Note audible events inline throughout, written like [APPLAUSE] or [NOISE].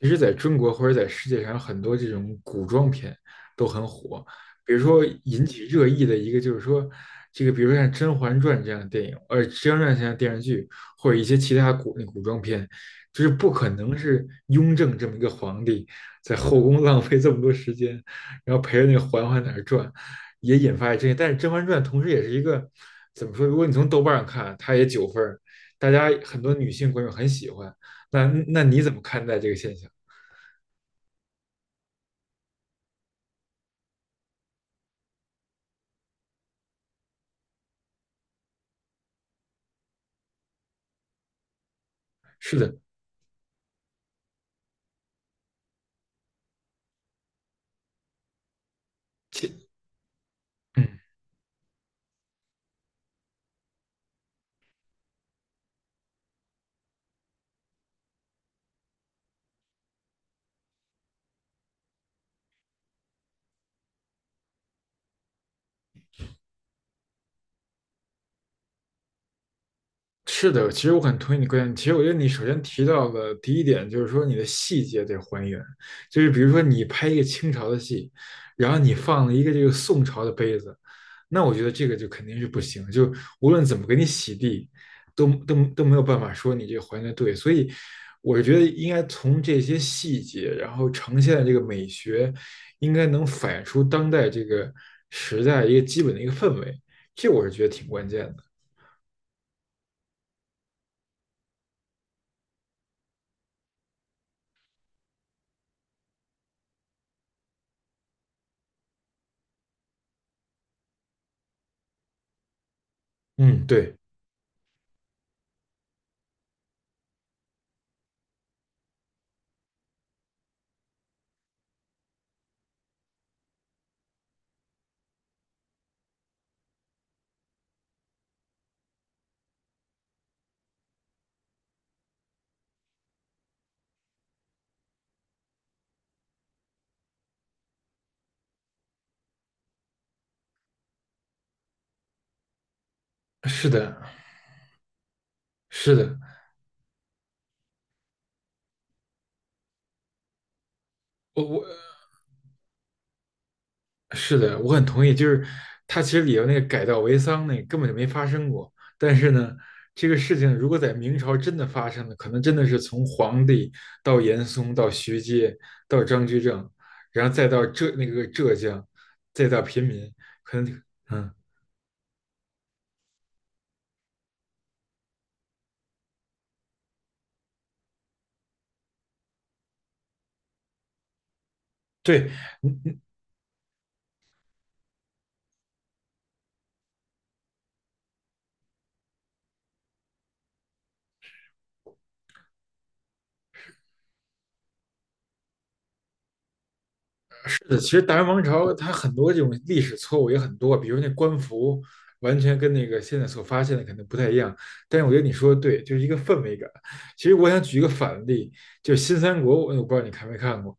其实在中国或者在世界上，很多这种古装片都很火。比如说引起热议的一个就是说，这个比如说像《甄嬛传》这样的电影，《甄嬛传》这样的电视剧，或者一些其他古装片，就是不可能是雍正这么一个皇帝在后宫 [LAUGHS] 浪费这么多时间，然后陪着那个嬛嬛在那儿转，也引发了争议。但是《甄嬛传》同时也是一个怎么说？如果你从豆瓣上看啊，它也九分儿大家很多女性观众很喜欢。那你怎么看待这个现象？是的，其嗯，是的，其实我很同意你观点。其实我觉得你首先提到的第一点，就是说你的细节得还原，就是比如说你拍一个清朝的戏，然后你放了一个这个宋朝的杯子，那我觉得这个就肯定是不行，就无论怎么给你洗地，都没有办法说你这个还原的对。所以我是觉得应该从这些细节，然后呈现的这个美学，应该能反映出当代这个时代一个基本的一个氛围，这我是觉得挺关键的。嗯，对，是的，是的，我是的，我很同意。就是他其实里头那个改道为桑那个根本就没发生过，但是呢，这个事情如果在明朝真的发生了，可能真的是从皇帝到严嵩到徐阶到张居正，然后再到浙那个浙江，再到平民，可能嗯，对，是的其实大元王朝它很多这种历史错误也很多，比如那官服完全跟那个现在所发现的可能不太一样。但是我觉得你说的对，就是一个氛围感。其实我想举一个反例，就是新三国，我不知道你看没看过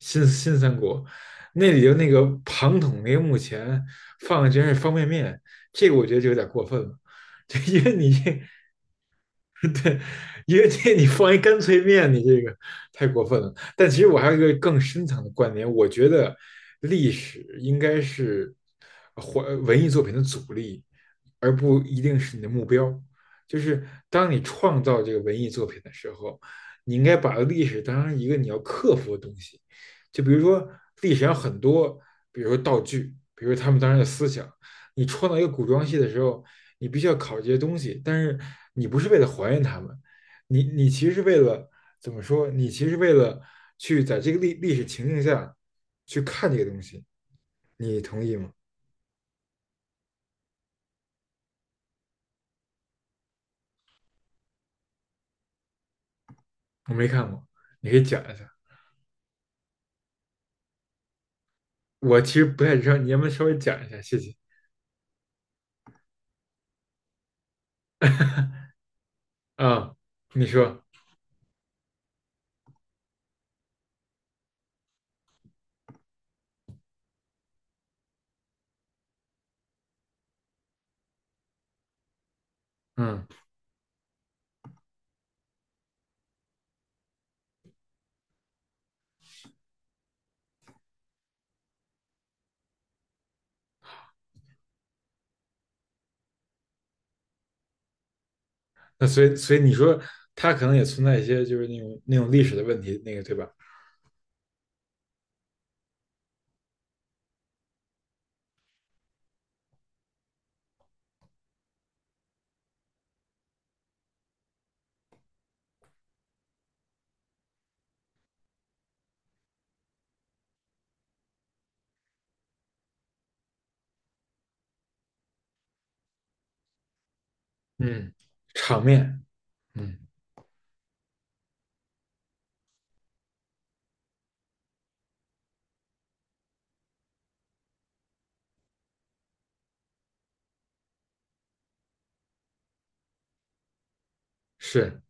新三国，那里头那个庞统那个墓前放的然是方便面，这个我觉得就有点过分了。[LAUGHS] 就因为你这 [LAUGHS] 因为这一个店你放一干脆面，你这个太过分了。但其实我还有一个更深层的观点，我觉得历史应该是或文艺作品的阻力，而不一定是你的目标。就是当你创造这个文艺作品的时候，你应该把历史当成一个你要克服的东西。就比如说历史上很多，比如说道具，比如说他们当时的思想，你创造一个古装戏的时候，你必须要考这些东西，但是你不是为了还原他们，你其实是为了怎么说？你其实是为了去在这个历史情境下去看这个东西，你同意吗？我没看过，你可以讲一下。我其实不太知道，你要不要稍微讲一下？谢谢啊，你说，嗯，那所以你说它可能也存在一些就是那种历史的问题，那个对吧？嗯，场面，嗯，是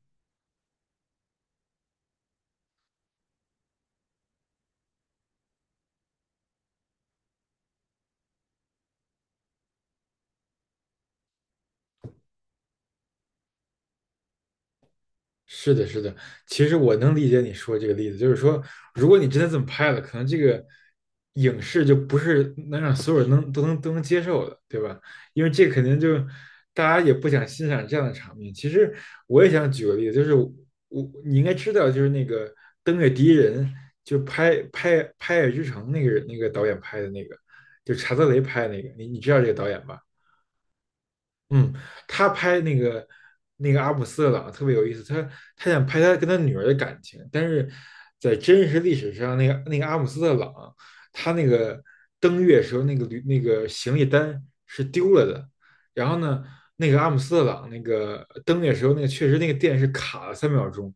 是的，是的，其实我能理解你说这个例子，就是说，如果你真的这么拍了，可能这个影视就不是能让所有人能都能都能接受的，对吧？因为这肯定就大家也不想欣赏这样的场面。其实我也想举个例子，就是我你应该知道，就是那个《登月第一人》，就拍《拍爱之城》那个人那个导演拍的那个，就查德雷拍的那个，你知道这个导演吧？嗯，他拍那个那个阿姆斯特朗特别有意思，他他想拍他跟他女儿的感情，但是在真实历史上，那个那个阿姆斯特朗，他那个登月时候那个行李单是丢了的，然后呢，那个阿姆斯特朗那个登月时候那个确实那个电是卡了三秒钟，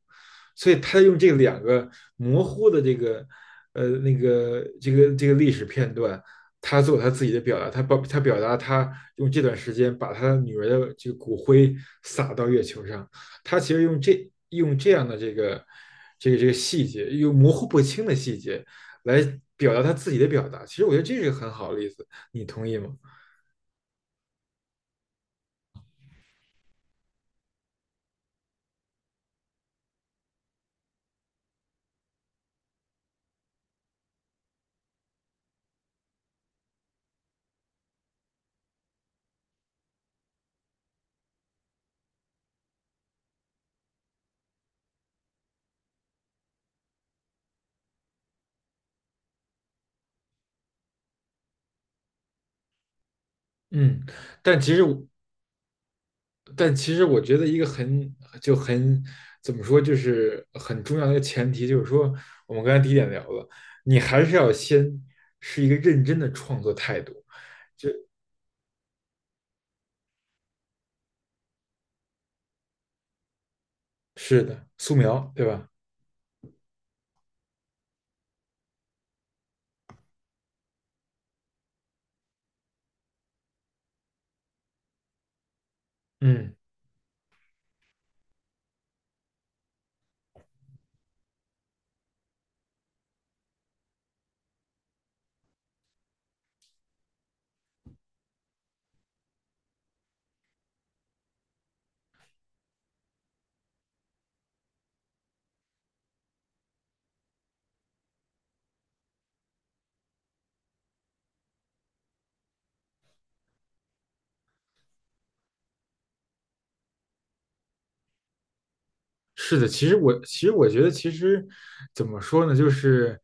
所以他用这两个模糊的这个这个历史片段，他做他自己的表达，他表达他用这段时间把他女儿的这个骨灰撒到月球上，他其实用这样的这个这个细节，用模糊不清的细节来表达他自己的表达。其实我觉得这是个很好的例子，你同意吗？嗯，但其实但其实我觉得一个很怎么说，就是很重要的一个前提，就是说我们刚才第一点聊了，你还是要先是一个认真的创作态度。是的，素描，对吧？嗯，是的。其实我觉得，其实怎么说呢，就是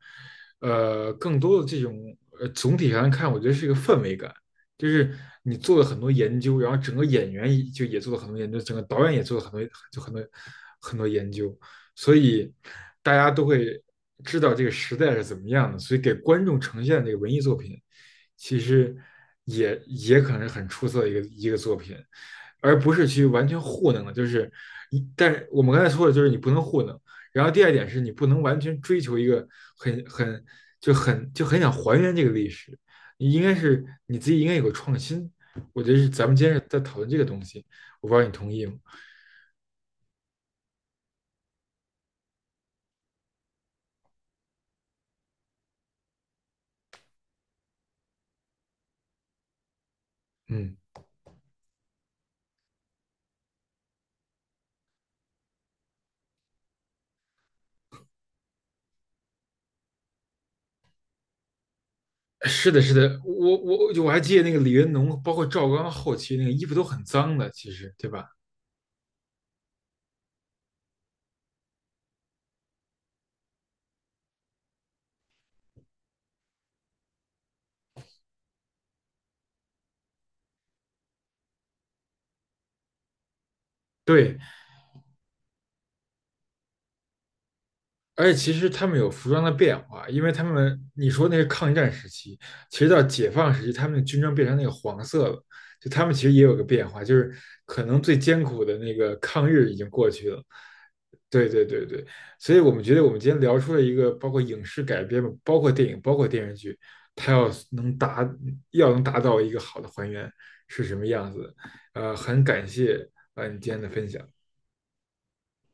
更多的这种总体上看，我觉得是一个氛围感，就是你做了很多研究，然后整个演员也就也做了很多研究，整个导演也做了很多就很多很多研究，所以大家都会知道这个时代是怎么样的，所以给观众呈现的这个文艺作品，其实也也可能是很出色的一个作品。而不是去完全糊弄了。就是一，但是我们刚才说的就是你不能糊弄。然后第二点是你不能完全追求一个很就很想还原这个历史，你应该是你自己应该有个创新。我觉得是咱们今天在讨论这个东西，我不知道你同意吗？嗯，是的，是的，我就我还记得那个李云龙，包括赵刚后期那个衣服都很脏的，其实对吧？对，而且其实他们有服装的变化，因为他们你说那是抗战时期，其实到解放时期，他们的军装变成那个黄色了，就他们其实也有个变化，就是可能最艰苦的那个抗日已经过去了。对对对对，所以我们觉得我们今天聊出了一个包括影视改编包括电影，包括电视剧，它要能达到一个好的还原是什么样子的。很感谢你今天的分享。